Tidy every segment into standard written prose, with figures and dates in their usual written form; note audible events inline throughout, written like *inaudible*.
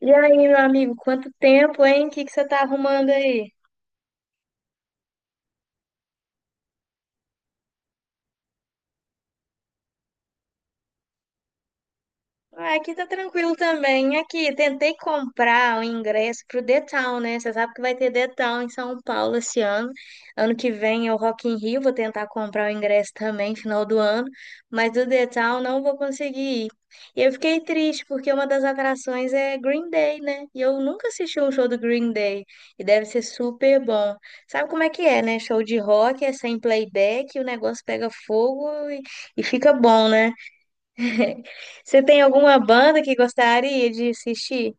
E aí, meu amigo, quanto tempo, hein? O que que você tá arrumando aí? Ah, aqui tá tranquilo também. Aqui, tentei comprar o ingresso pro The Town, né? Você sabe que vai ter The Town em São Paulo esse ano. Ano que vem é o Rock in Rio, vou tentar comprar o ingresso também, final do ano. Mas do The Town não vou conseguir ir. E eu fiquei triste, porque uma das atrações é Green Day, né? E eu nunca assisti um show do Green Day. E deve ser super bom. Sabe como é que é, né? Show de rock é sem playback, o negócio pega fogo e fica bom, né? Você tem alguma banda que gostaria de assistir?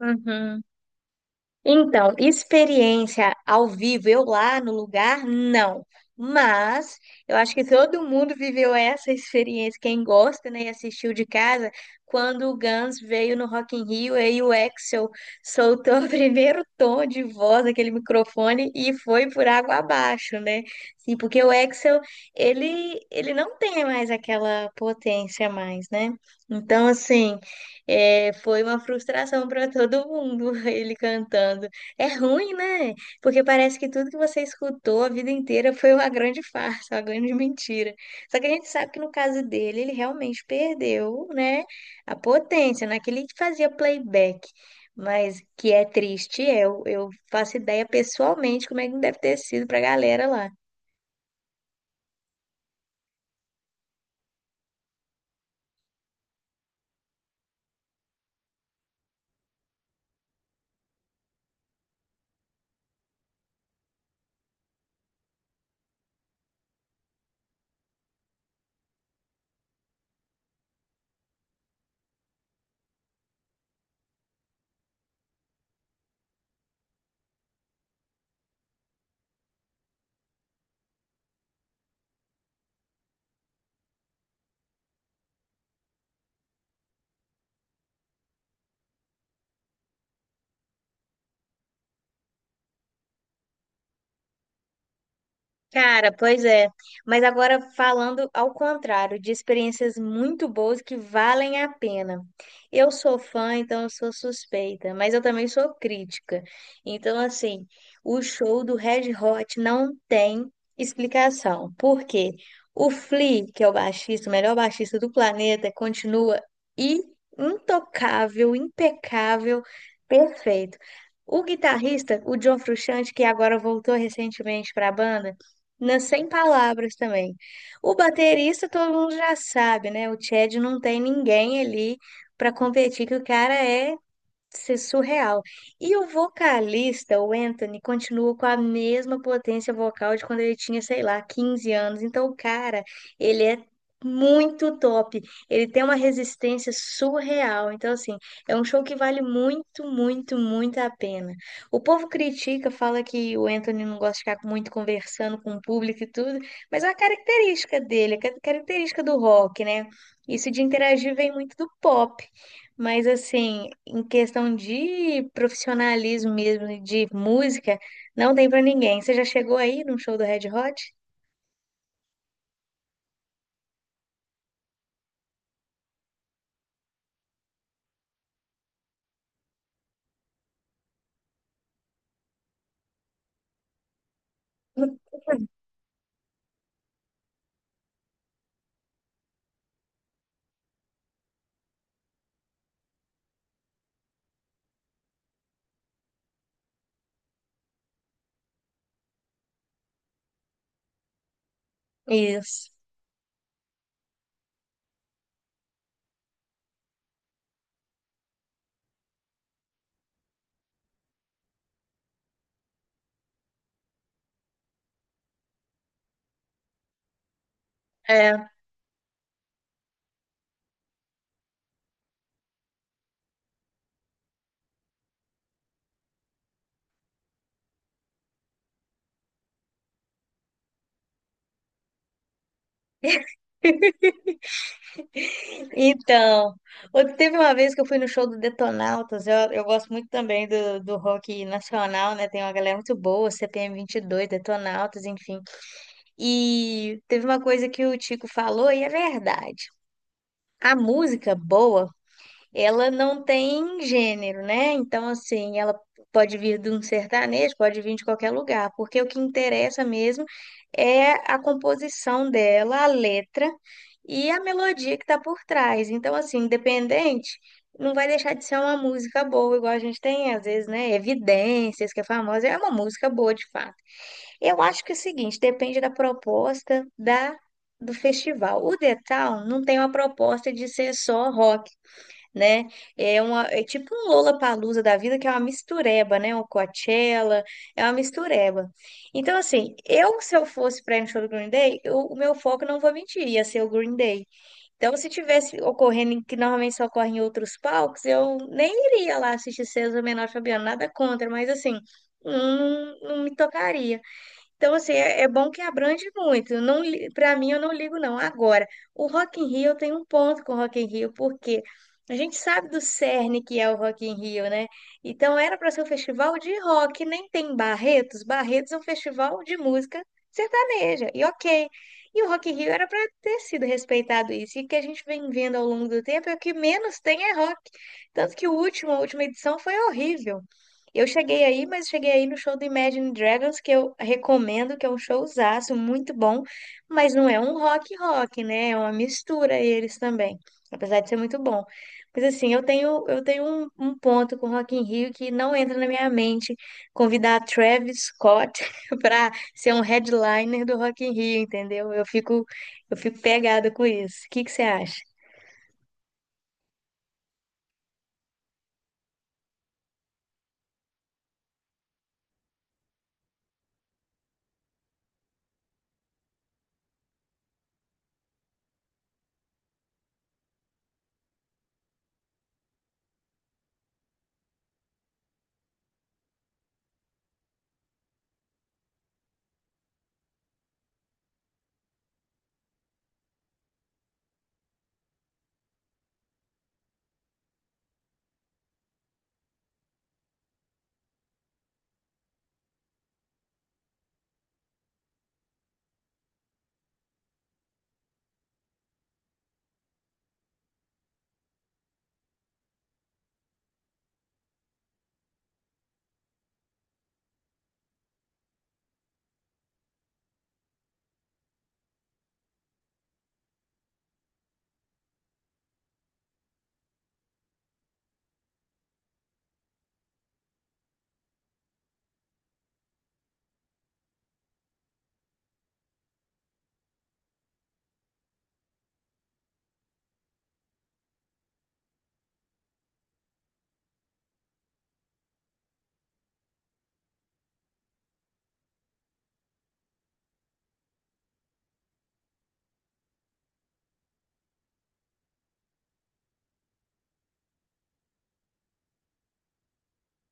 Uhum. Então, experiência ao vivo, eu lá no lugar, não. Mas eu acho que todo mundo viveu essa experiência, quem gosta, né, e assistiu de casa, quando o Guns veio no Rock in Rio, aí o Axl soltou o *laughs* primeiro tom de voz daquele microfone e foi por água abaixo, né? Sim, porque o Axl, ele não tem mais aquela potência mais, né? Então, assim, é, foi uma frustração para todo mundo *laughs* ele cantando. É ruim, né? Porque parece que tudo que você escutou a vida inteira foi uma grande farsa, uma grande mentira. Só que a gente sabe que no caso dele, ele realmente perdeu, né, a potência, naquele que fazia playback. Mas que é triste, é. Eu faço ideia pessoalmente como é que deve ter sido para a galera lá. Cara, pois é. Mas agora falando ao contrário, de experiências muito boas que valem a pena. Eu sou fã, então eu sou suspeita, mas eu também sou crítica. Então, assim, o show do Red Hot não tem explicação. Por quê? O Flea, que é o baixista, o melhor baixista do planeta, continua i- intocável, impecável, perfeito. O guitarrista, o John Frusciante, que agora voltou recentemente para a banda, nas sem palavras também. O baterista todo mundo já sabe, né? O Chad não tem ninguém ali para competir, que o cara é, isso é surreal. E o vocalista, o Anthony, continua com a mesma potência vocal de quando ele tinha, sei lá, 15 anos. Então, o cara, ele é muito top. Ele tem uma resistência surreal. Então, assim, é um show que vale muito, muito, muito a pena. O povo critica, fala que o Anthony não gosta de ficar muito conversando com o público e tudo, mas é uma característica dele, é característica do rock, né? Isso de interagir vem muito do pop. Mas assim, em questão de profissionalismo mesmo, e de música, não tem pra ninguém. Você já chegou aí num show do Red Hot? Isso. É. Então, teve uma vez que eu fui no show do Detonautas. Eu gosto muito também do rock nacional, né? Tem uma galera muito boa, CPM dois Detonautas, enfim. E teve uma coisa que o Tico falou e é verdade. A música boa, ela não tem gênero, né? Então, assim, ela pode vir de um sertanejo, pode vir de qualquer lugar, porque o que interessa mesmo é a composição dela, a letra e a melodia que está por trás. Então, assim, independente, não vai deixar de ser uma música boa, igual a gente tem, às vezes, né? Evidências, que é famosa, é uma música boa de fato. Eu acho que é o seguinte, depende da proposta da, do festival. O The Town não tem uma proposta de ser só rock, né? É tipo um Lollapalooza da vida, que é uma mistureba, né? Uma Coachella, é uma mistureba. Então, assim, se eu fosse para ir no show do Green Day, o meu foco, não vou mentir, ia ser o Green Day. Então, se tivesse ocorrendo, que normalmente só ocorre em outros palcos, eu nem iria lá assistir César Menor e Fabiano, nada contra, mas assim, não, não me tocaria. Então, assim, é, bom que abrange muito. Eu não, para mim, eu não ligo, não. Agora, o Rock in Rio, eu tenho um ponto com o Rock in Rio, porque a gente sabe do cerne que é o Rock in Rio, né? Então, era para ser um festival de rock, nem tem Barretos. Barretos é um festival de música sertaneja, e ok. E o Rock in Rio era para ter sido respeitado isso. E o que a gente vem vendo ao longo do tempo é que menos tem é rock. Tanto que o último, a última edição foi horrível. Eu cheguei aí, mas cheguei aí no show do Imagine Dragons, que eu recomendo, que é um showzaço muito bom, mas não é um rock rock, né? É uma mistura eles também, apesar de ser muito bom. Mas assim, eu tenho um ponto com Rock in Rio que não entra na minha mente convidar Travis Scott *laughs* para ser um headliner do Rock in Rio, entendeu? Eu fico pegada com isso. O que que você acha?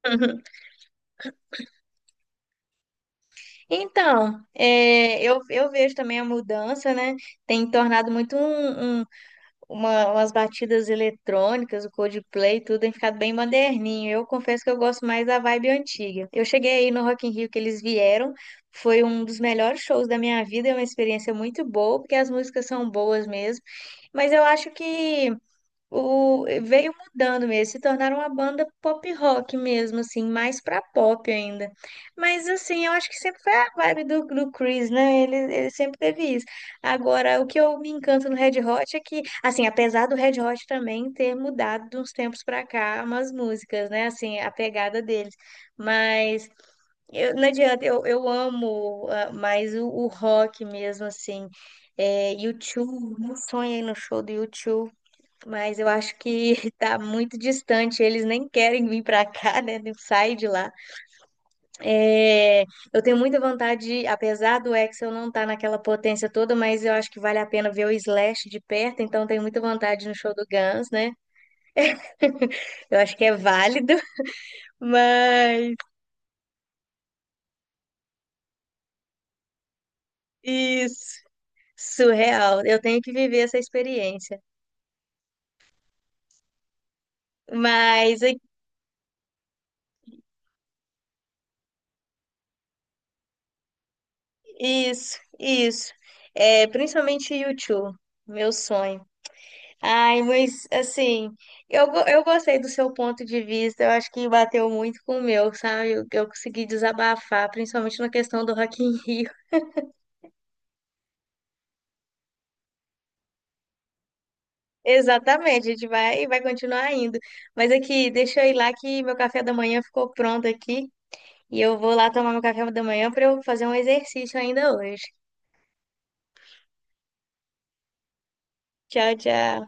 *laughs* Então, é, eu vejo também a mudança, né? Tem tornado muito um, umas batidas eletrônicas, o Coldplay, tudo tem ficado bem moderninho. Eu confesso que eu gosto mais da vibe antiga. Eu cheguei aí no Rock in Rio que eles vieram, foi um dos melhores shows da minha vida, é uma experiência muito boa, porque as músicas são boas mesmo. Mas eu acho que veio mudando mesmo, se tornaram uma banda pop rock mesmo, assim, mais pra pop ainda. Mas assim, eu acho que sempre foi a vibe do Chris, né? Ele sempre teve isso. Agora, o que eu me encanto no Red Hot é que, assim, apesar do Red Hot também ter mudado de uns tempos pra cá umas músicas, né? Assim, a pegada deles. Mas eu, não adianta, eu amo, mais o rock mesmo, assim. É, U2, meu sonho aí no show do U2, mas eu acho que *laughs* está muito distante, eles nem querem vir para cá, *laughs* né? Não sai de lá. É, eu tenho muita vontade, de, apesar do Axel não estar naquela potência toda, mas eu acho que vale a pena ver o Slash de perto, então tenho muita vontade no show do Guns, né? *laughs* Eu acho que é válido, *laughs* mas isso, surreal. Eu tenho que viver essa experiência. Mas isso, isso. É, principalmente YouTube, meu sonho. Ai, mas assim, eu gostei do seu ponto de vista, eu acho que bateu muito com o meu, sabe? Eu consegui desabafar, principalmente na questão do Rock in Rio. *laughs* Exatamente, a gente vai continuar indo. Mas aqui, deixa eu ir lá que meu café da manhã ficou pronto aqui e eu vou lá tomar meu café da manhã para eu fazer um exercício ainda hoje. Tchau, tchau.